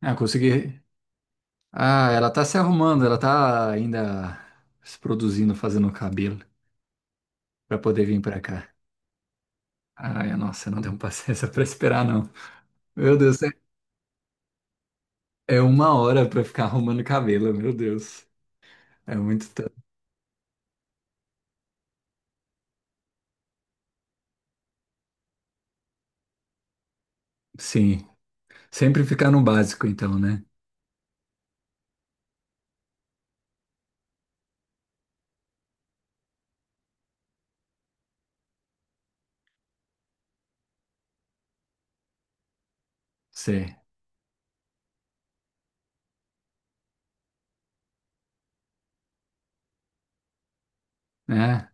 Ah, consegui. Ah, ela tá se arrumando, ela tá ainda se produzindo, fazendo o cabelo pra poder vir pra cá. Ai, nossa, não deu paciência pra esperar, não. Meu Deus, é uma hora pra ficar arrumando cabelo, meu Deus. É muito tempo. Sim, sempre ficar no básico, então, né? Sei, né?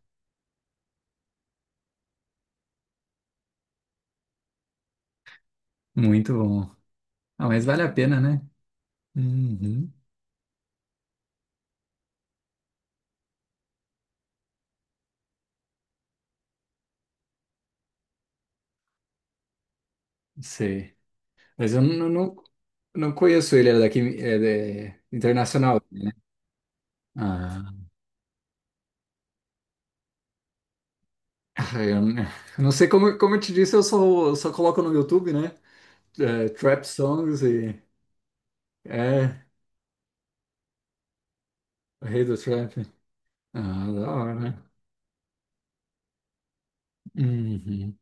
Muito bom. Ah, mas vale a pena, né? Uhum. Sei. Mas eu não conheço ele, é daqui, é, é internacional, né? Ah. Ah, eu não sei como eu te disse, eu só coloco no YouTube, né? É, trap songs e. É, o rei do trap. Ah, da hora. Uhum.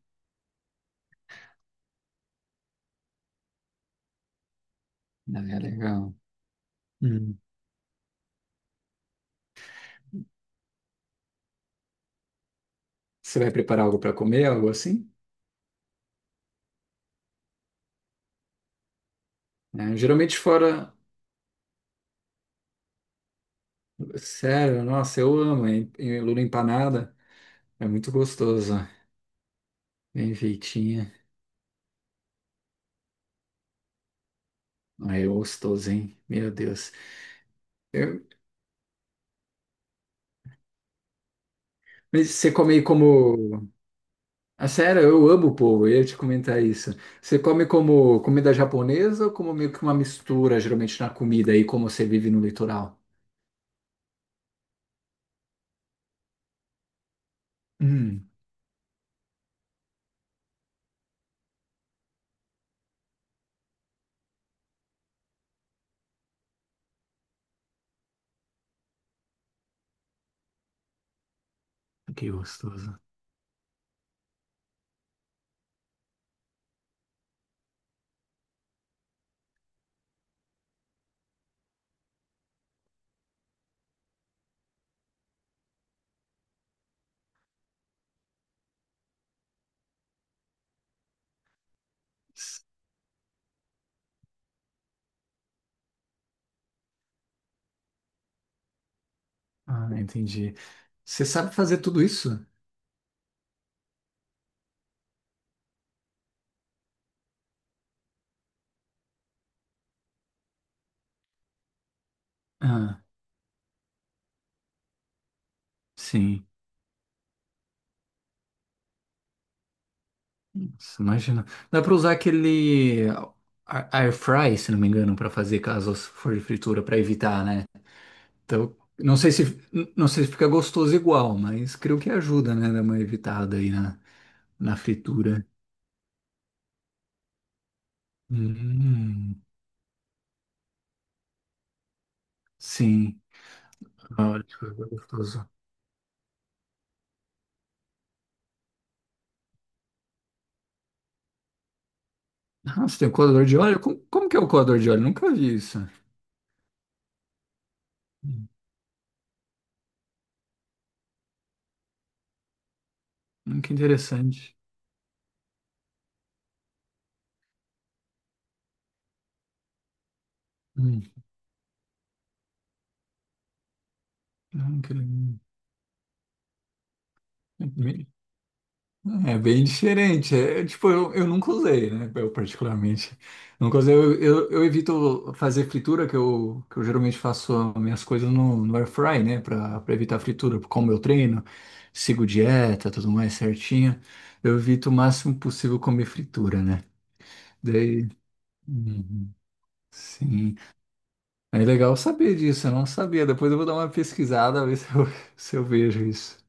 Ah, é legal. Hum. Você vai preparar algo para comer, algo assim? É, geralmente fora. Sério, nossa, eu amo, hein? Lula empanada. É muito gostoso. Bem feitinha. Ah, é gostoso, hein? Meu Deus. Eu- Mas você come como. Ah, sério, eu amo povo, eu ia te comentar isso. Você come como comida japonesa ou como meio que uma mistura, geralmente, na comida aí, como você vive no litoral? Hum, que gostoso. Ah, entendi. Você sabe fazer tudo isso? Ah, sim. Nossa, imagina. Dá pra usar aquele air fry, se não me engano, pra fazer caso for de fritura, pra evitar, né? Então, não sei se fica gostoso igual, mas creio que ajuda, né? Dar uma evitada aí na, na fritura. Hum, sim. Olha que gostoso. Nossa, tem um coador de óleo? Como, como que é o coador de óleo? Nunca vi isso. Hum, que interessante. Hum, hum, bem- É bem diferente. É, é, tipo, eu nunca usei, né? Eu particularmente. Nunca usei. Eu evito fazer fritura, que eu geralmente faço minhas coisas no air fry, né? Pra evitar fritura. Como eu treino, sigo dieta, tudo mais certinho. Eu evito o máximo possível comer fritura, né? Uhum. Sim, é legal saber disso, eu não sabia. Depois eu vou dar uma pesquisada, ver se eu, se eu vejo isso.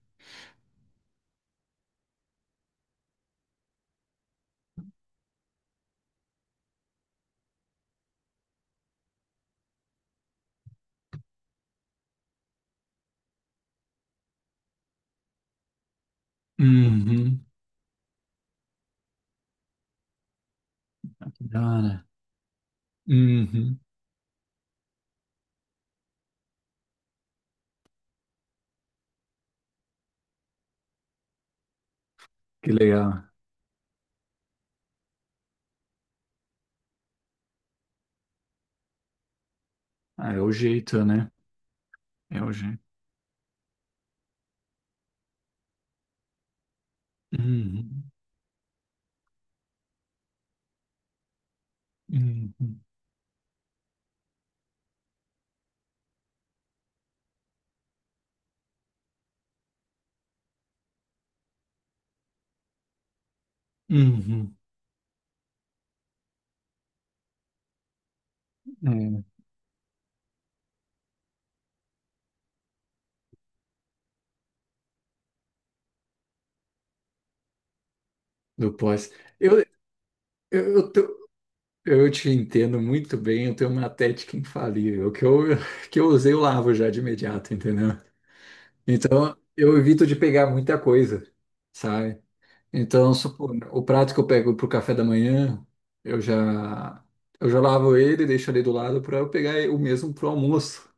Uhum. Que da hora. Uhum. Que legal. Ah, é o jeito, né? É o jeito. Uhum. Uhum. Uhum. É, do pós. Eu, eu, eu, te- eu te entendo muito bem, eu tenho uma técnica infalível, que eu, que eu usei, eu lavo já de imediato, entendeu? Então, eu evito de pegar muita coisa, sabe? Então, supor, o prato que eu pego pro café da manhã, eu já eu já lavo ele, deixo ali do lado para eu pegar o mesmo pro almoço.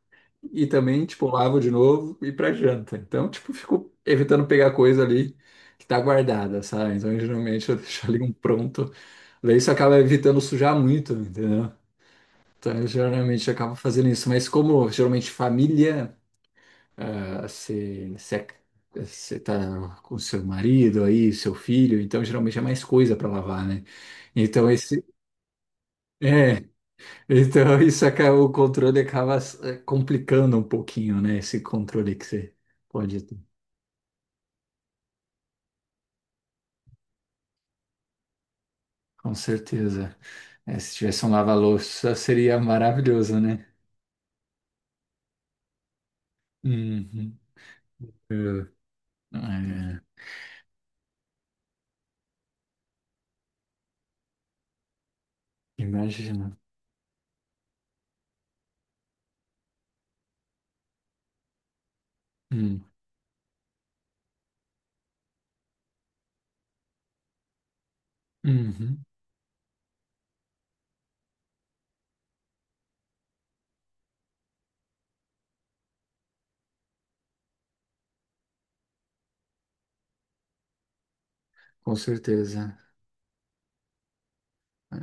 E também, tipo, lavo de novo e pra janta. Então, tipo, fico evitando pegar coisa ali que tá guardada, sabe? Então, geralmente eu deixo ali um pronto. Daí isso acaba evitando sujar muito, entendeu? Então, eu geralmente acabo fazendo isso, mas como geralmente família ah, você, você, é, você tá com seu marido aí, seu filho, então geralmente é mais coisa para lavar, né? Então esse é, então isso acaba, o controle acaba complicando um pouquinho, né? Esse controle que você pode ter. Com certeza. É, se tivesse um lava-louça seria maravilhoso, né? Uhum. É, imagina. Hum, uhum, com certeza.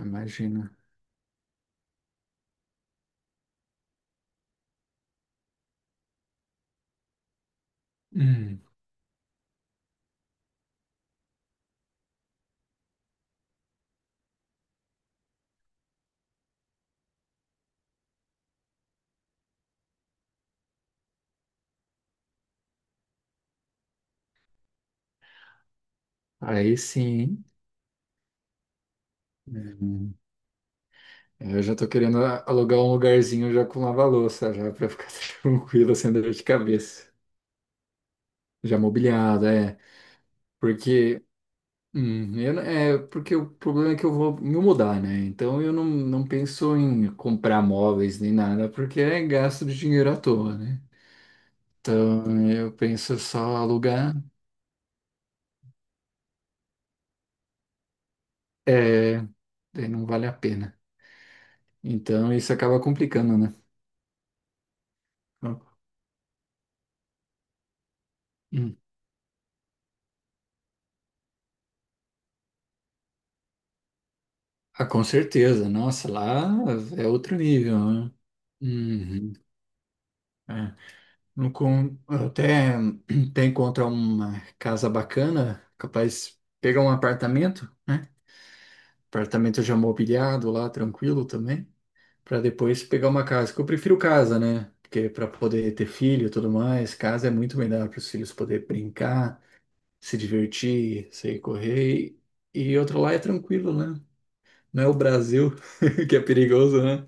Imagina. Hum, aí sim. Hein? Eu já tô querendo alugar um lugarzinho já com lava-louça, já pra ficar tranquilo, sem dor de cabeça. Já mobiliado, é. Porque, eu não- é, porque o problema é que eu vou me mudar, né? Então eu não, não penso em comprar móveis nem nada, porque é gasto de dinheiro à toa, né? Então eu penso só alugar, é, daí não vale a pena. Então isso acaba complicando, né? Hum. Ah, com certeza. Nossa, lá é outro nível, né? Uhum. É. No con- até até encontrar uma casa bacana, capaz de pegar um apartamento, né? Apartamento já mobiliado lá, tranquilo também, para depois pegar uma casa. Que eu prefiro casa, né? Porque para poder ter filho e tudo mais, casa é muito melhor para os filhos poder brincar, se divertir, sair correr. E outro lá é tranquilo, né? Não é o Brasil que é perigoso, né?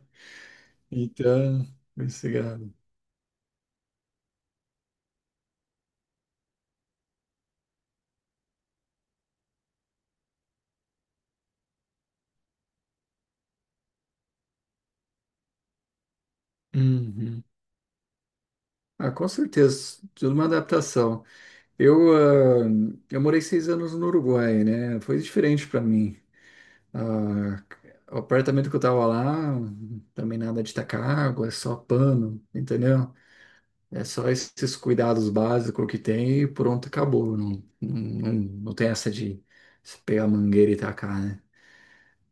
Então, esse gado. Uhum. Ah, com certeza, tudo uma adaptação. Eu, ah, eu morei 6 anos no Uruguai, né? Foi diferente para mim. Ah, o apartamento que eu tava lá, também nada de tacar água, é só pano, entendeu? É só esses cuidados básicos que tem e pronto, acabou. Não, não, não tem essa de se pegar a mangueira e tacar, né?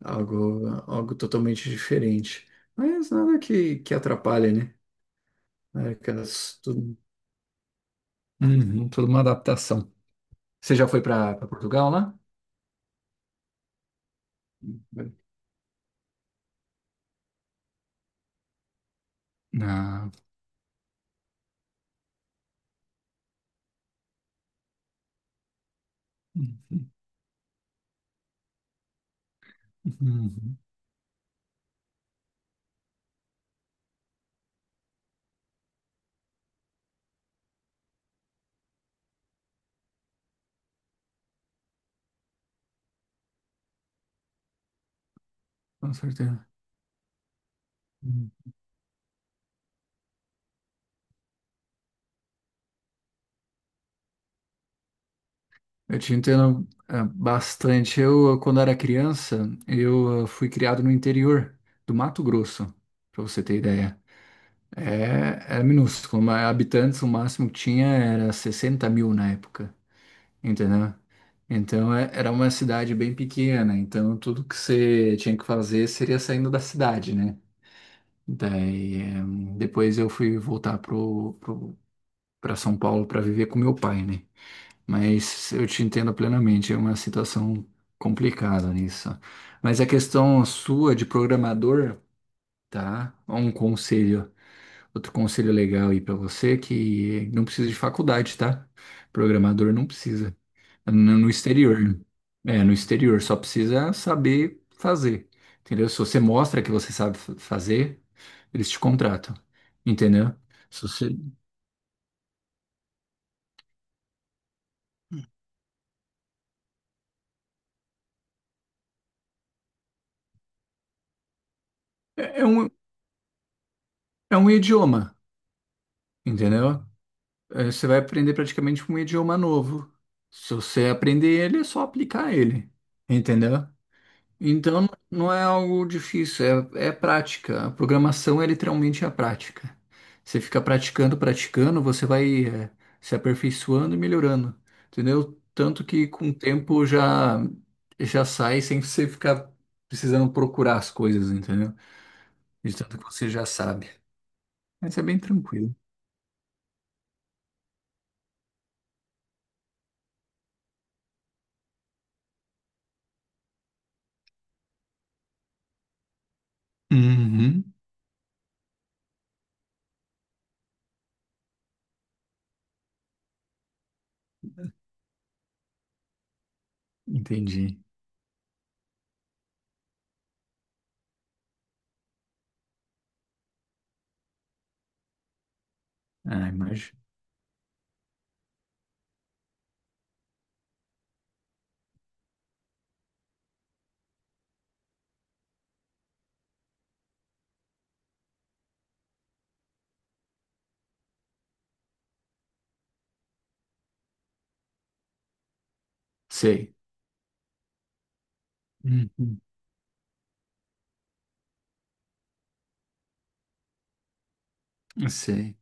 Algo, algo totalmente diferente. Mas nada que, que atrapalhe, né? É aquelas- tudo, uhum, tudo uma adaptação. Você já foi para Portugal lá? Ah, uhum, com certeza. Uhum. Eu te entendo bastante. Eu, quando era criança, eu fui criado no interior do Mato Grosso, para você ter ideia. É minúsculo, mas habitantes, o máximo que tinha era 60 mil na época, entendeu? Então é- era uma cidade bem pequena, então tudo que você tinha que fazer seria saindo da cidade, né? Daí, depois eu fui voltar para São Paulo para viver com meu pai, né? Mas eu te entendo plenamente, é uma situação complicada nisso. Mas a questão sua de programador, tá? Um conselho, outro conselho legal aí pra você que não precisa de faculdade, tá? Programador não precisa. No exterior. É, no exterior, só precisa saber fazer. Entendeu? Se você mostra que você sabe fazer, eles te contratam. Entendeu? Se você... É é um, é um idioma, entendeu? Eh, você vai aprender praticamente um idioma novo. Se você aprender ele, é só aplicar ele, entendeu? Então não é algo difícil, é, é prática. A programação é literalmente a prática. Você fica praticando, praticando, você vai, se aperfeiçoando e melhorando, entendeu? Tanto que com o tempo já já sai sem você ficar precisando procurar as coisas, entendeu? De tanto que você já sabe. Mas é bem tranquilo. Uhum, entendi. Ah, imagino. Sei. Uhum. Sei,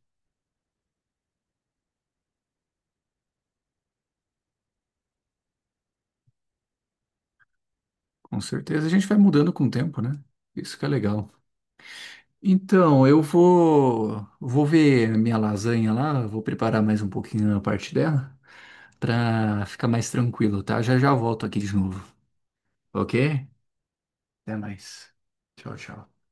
com certeza. A gente vai mudando com o tempo, né? Isso que é legal. Então, eu vou, vou ver a minha lasanha lá, vou preparar mais um pouquinho a parte dela pra ficar mais tranquilo, tá? Já já volto aqui de novo, ok? Até mais. Tchau, tchau.